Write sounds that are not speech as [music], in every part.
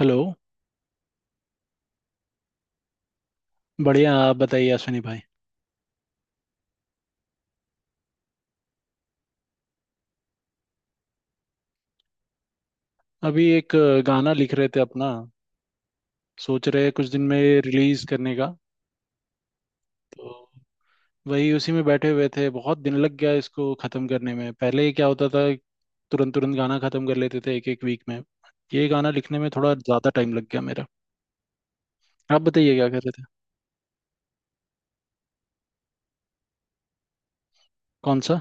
Hello. बढ़िया। आप बताइए अश्विनी भाई। अभी एक गाना लिख रहे थे अपना। सोच रहे हैं कुछ दिन में रिलीज करने का। तो वही उसी में बैठे हुए थे। बहुत दिन लग गया इसको खत्म करने में। पहले क्या होता था। तुरंत तुरंत गाना खत्म कर लेते थे एक एक वीक में। ये गाना लिखने में थोड़ा ज्यादा टाइम लग गया मेरा। आप बताइए क्या कर रहे थे। कौन सा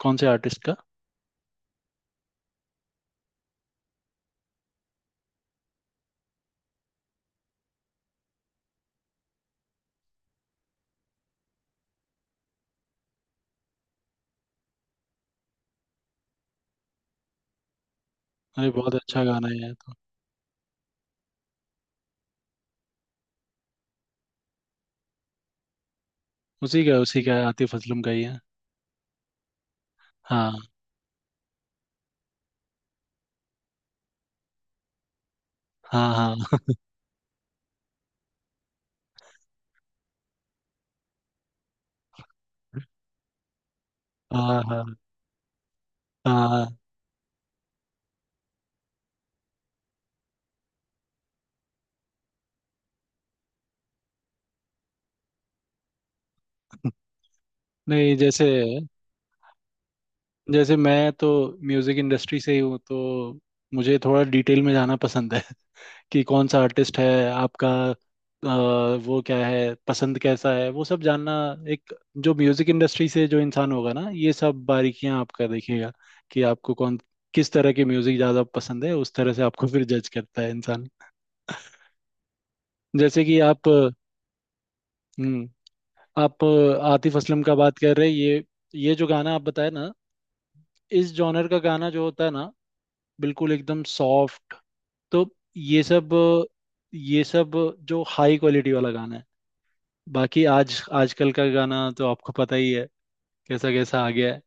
कौन से आर्टिस्ट का। अरे बहुत अच्छा गाना है यार। तो उसी का है, आतिफ असलम का ही है। हाँ, हाँ, हाँ, हाँ, हाँ, हाँ। नहीं, जैसे जैसे मैं तो म्यूजिक इंडस्ट्री से ही हूँ, तो मुझे थोड़ा डिटेल में जाना पसंद है [laughs] कि कौन सा आर्टिस्ट है आपका, वो क्या है, पसंद कैसा है, वो सब जानना। एक जो म्यूजिक इंडस्ट्री से जो इंसान होगा ना, ये सब बारीकियां आपका देखेगा। कि आपको कौन किस तरह की म्यूजिक ज्यादा पसंद है, उस तरह से आपको [laughs] फिर जज करता है इंसान। जैसे कि आप। हम्म। आप आतिफ असलम का बात कर रहे हैं ये जो गाना आप बताए ना, इस जॉनर का गाना जो होता है ना, बिल्कुल एकदम सॉफ्ट। तो ये सब ये सब जो हाई क्वालिटी वाला गाना है। बाकी आज आजकल का गाना तो आपको पता ही है, कैसा कैसा आ गया है।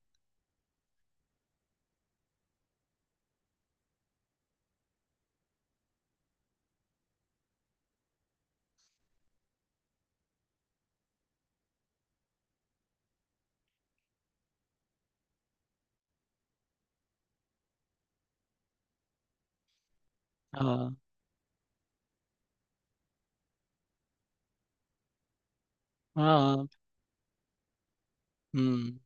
हाँ। हाँ। हम्म।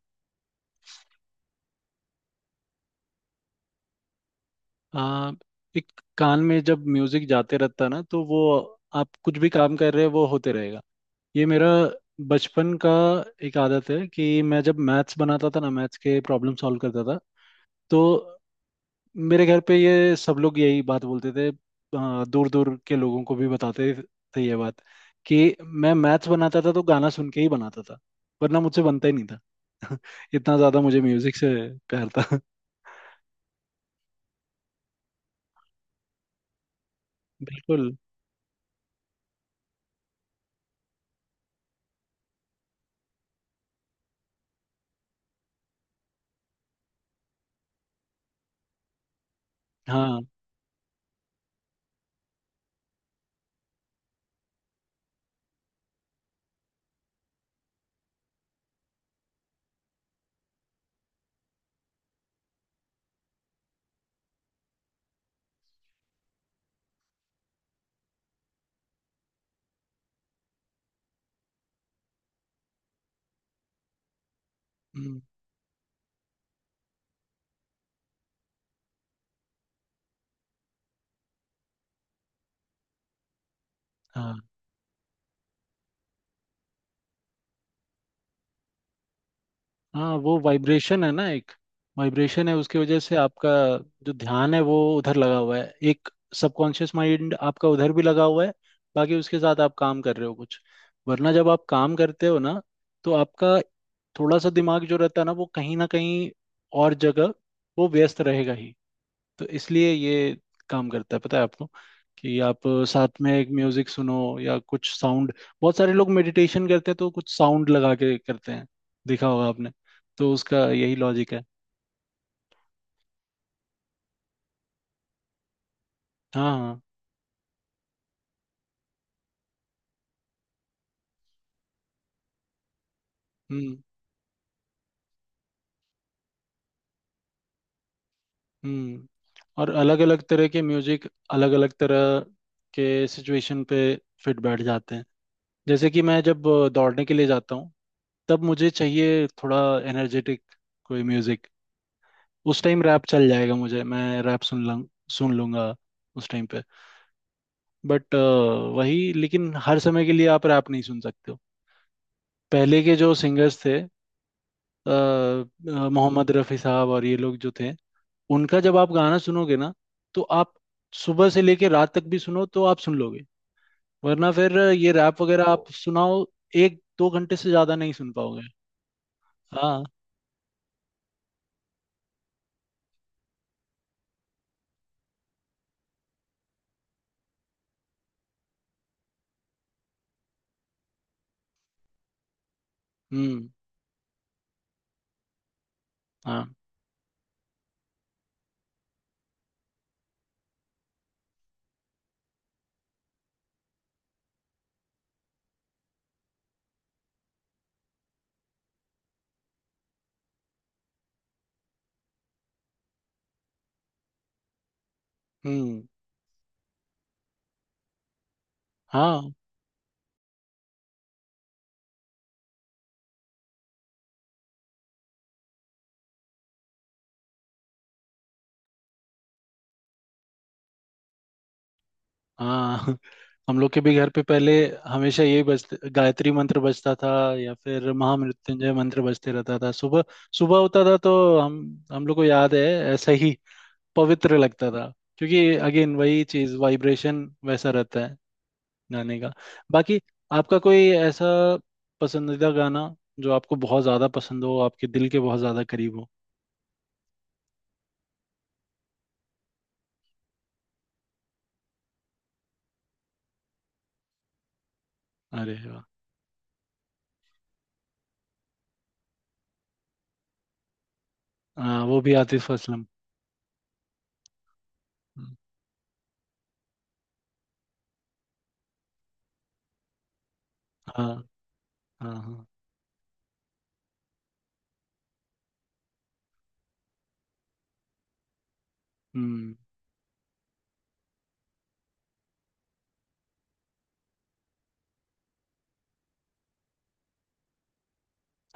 हाँ। एक कान में जब म्यूजिक जाते रहता है ना, तो वो आप कुछ भी काम कर रहे हो, वो होते रहेगा। ये मेरा बचपन का एक आदत है कि मैं जब मैथ्स बनाता था ना, मैथ्स के प्रॉब्लम सॉल्व करता था, तो मेरे घर पे ये सब लोग यही बात बोलते थे। दूर दूर के लोगों को भी बताते थे ये बात, कि मैं मैथ्स बनाता था तो गाना सुन के ही बनाता था। वरना मुझसे बनता ही नहीं था [laughs] इतना ज्यादा मुझे म्यूजिक से प्यार था। [laughs] बिल्कुल। हाँ। हम्म। हाँ, हाँ, वो वाइब्रेशन है ना, एक वाइब्रेशन है। उसकी वजह से आपका जो ध्यान है, वो उधर लगा हुआ है। एक सबकॉन्शियस माइंड आपका उधर भी लगा हुआ है। बाकी उसके साथ आप काम कर रहे हो कुछ। वरना जब आप काम करते हो ना, तो आपका थोड़ा सा दिमाग जो रहता है ना, वो कहीं ना कहीं और जगह, वो व्यस्त रहेगा ही। तो इसलिए ये काम करता है, पता है आपको, कि आप साथ में एक म्यूजिक सुनो या कुछ साउंड। बहुत सारे लोग मेडिटेशन करते हैं तो कुछ साउंड लगा के करते हैं, देखा होगा आपने। तो उसका यही लॉजिक है। हाँ, हाँ। हम्म। हम्म। और अलग अलग तरह के म्यूजिक अलग अलग तरह के सिचुएशन पे फिट बैठ जाते हैं। जैसे कि मैं जब दौड़ने के लिए जाता हूँ, तब मुझे चाहिए थोड़ा एनर्जेटिक कोई म्यूजिक। उस टाइम रैप चल जाएगा मुझे, मैं रैप सुन लूँ, सुन लूंगा उस टाइम पे। बट वही, लेकिन हर समय के लिए आप रैप नहीं सुन सकते हो। पहले के जो सिंगर्स थे, मोहम्मद रफ़ी साहब और ये लोग जो थे, उनका जब आप गाना सुनोगे ना, तो आप सुबह से लेके रात तक भी सुनो तो आप सुन लोगे। वरना फिर ये रैप वगैरह आप सुनाओ, एक दो घंटे से ज्यादा नहीं सुन पाओगे। हाँ। हम्म। हाँ। हम्म। हाँ, हाँ, हम लोग के भी घर पे पहले हमेशा यही बजते गायत्री मंत्र बजता था, या फिर महामृत्युंजय मंत्र बजते रहता था। सुबह सुबह होता था तो हम हम लोग को याद है, ऐसा ही पवित्र लगता था। क्योंकि अगेन वही चीज, वाइब्रेशन वैसा रहता है गाने का। बाकी आपका कोई ऐसा पसंदीदा गाना, जो आपको बहुत ज्यादा पसंद हो, आपके दिल के बहुत ज्यादा करीब हो। अरे वाह। हाँ, वो भी आतिफ असलम। हाँ, हाँ, हाँ। हम्म।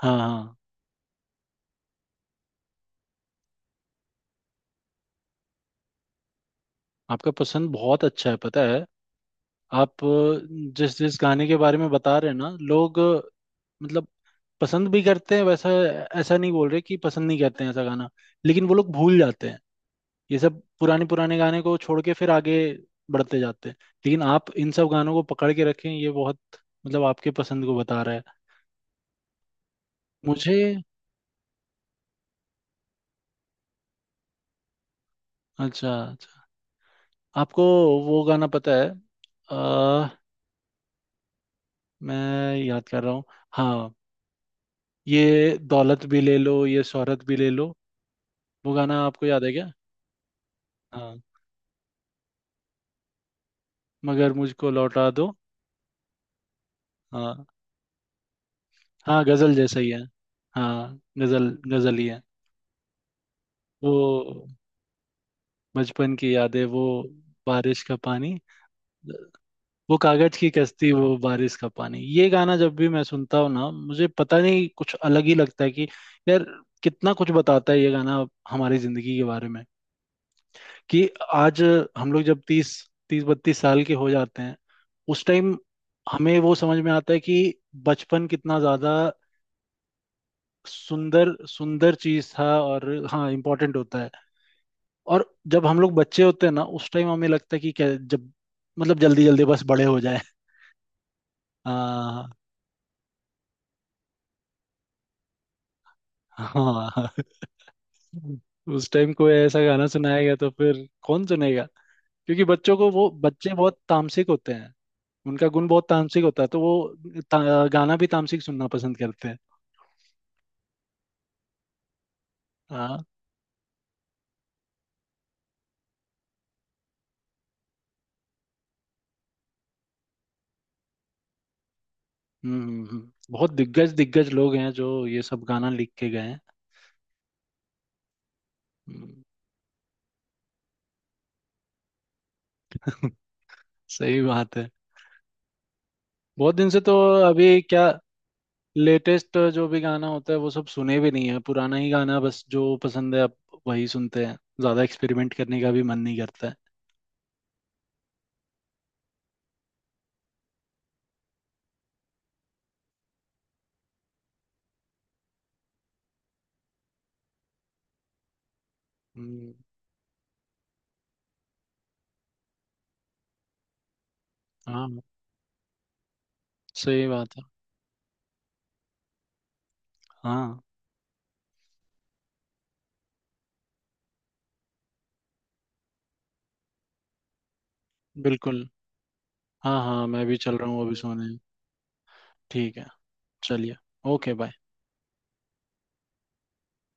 हाँ, हाँ, आपका पसंद बहुत अच्छा है, पता है। आप जिस जिस गाने के बारे में बता रहे हैं ना, लोग मतलब पसंद भी करते हैं वैसा। ऐसा नहीं बोल रहे कि पसंद नहीं करते हैं ऐसा गाना। लेकिन वो लोग भूल जाते हैं, ये सब पुराने पुराने गाने को छोड़ के फिर आगे बढ़ते जाते हैं। लेकिन आप इन सब गानों को पकड़ के रखें, ये बहुत मतलब आपके पसंद को बता रहा है मुझे। अच्छा, अच्छा। आपको वो गाना पता है, अ, मैं याद कर रहा हूँ। हाँ, ये दौलत भी ले लो, ये शोहरत भी ले लो, वो गाना आपको याद है क्या। हाँ, मगर मुझको लौटा दो। हाँ, हाँ, गजल जैसा ही है। हाँ, गजल गजल ही है। वो बचपन की यादें, वो बारिश का पानी, वो कागज की कश्ती, वो बारिश का पानी, ये गाना जब भी मैं सुनता हूँ ना, मुझे पता नहीं कुछ अलग ही लगता है कि, यार, कितना कुछ बताता है ये गाना हमारी जिंदगी के बारे में। कि आज हम लोग जब तीस 30-32 साल के हो जाते हैं, उस टाइम हमें वो समझ में आता है कि बचपन कितना ज्यादा सुंदर सुंदर चीज था और हाँ, इम्पोर्टेंट होता है। और जब हम लोग बच्चे होते हैं ना, उस टाइम हमें लगता है कि क्या जब, मतलब जल्दी जल्दी बस बड़े हो जाए। हाँ, हाँ, हाँ, हाँ। उस टाइम कोई ऐसा गाना सुनाया गया तो फिर कौन सुनेगा, क्योंकि बच्चों को वो बच्चे बहुत तामसिक होते हैं। उनका गुण बहुत तामसिक होता है, तो वो गाना भी तामसिक सुनना पसंद करते हैं। हाँ। हम्म, बहुत दिग्गज दिग्गज लोग हैं जो ये सब गाना लिख के गए हैं। हम्म। [laughs] सही बात है। बहुत दिन से तो अभी क्या, लेटेस्ट जो भी गाना होता है वो सब सुने भी नहीं है। पुराना ही गाना, बस जो पसंद है अब वही सुनते हैं। ज्यादा एक्सपेरिमेंट करने का भी मन नहीं करता है। हम्म। हाँ, सही बात है। हाँ, बिल्कुल। हाँ, हाँ, मैं भी चल रहा हूँ अभी सोने। ठीक है। चलिए। Okay, bye.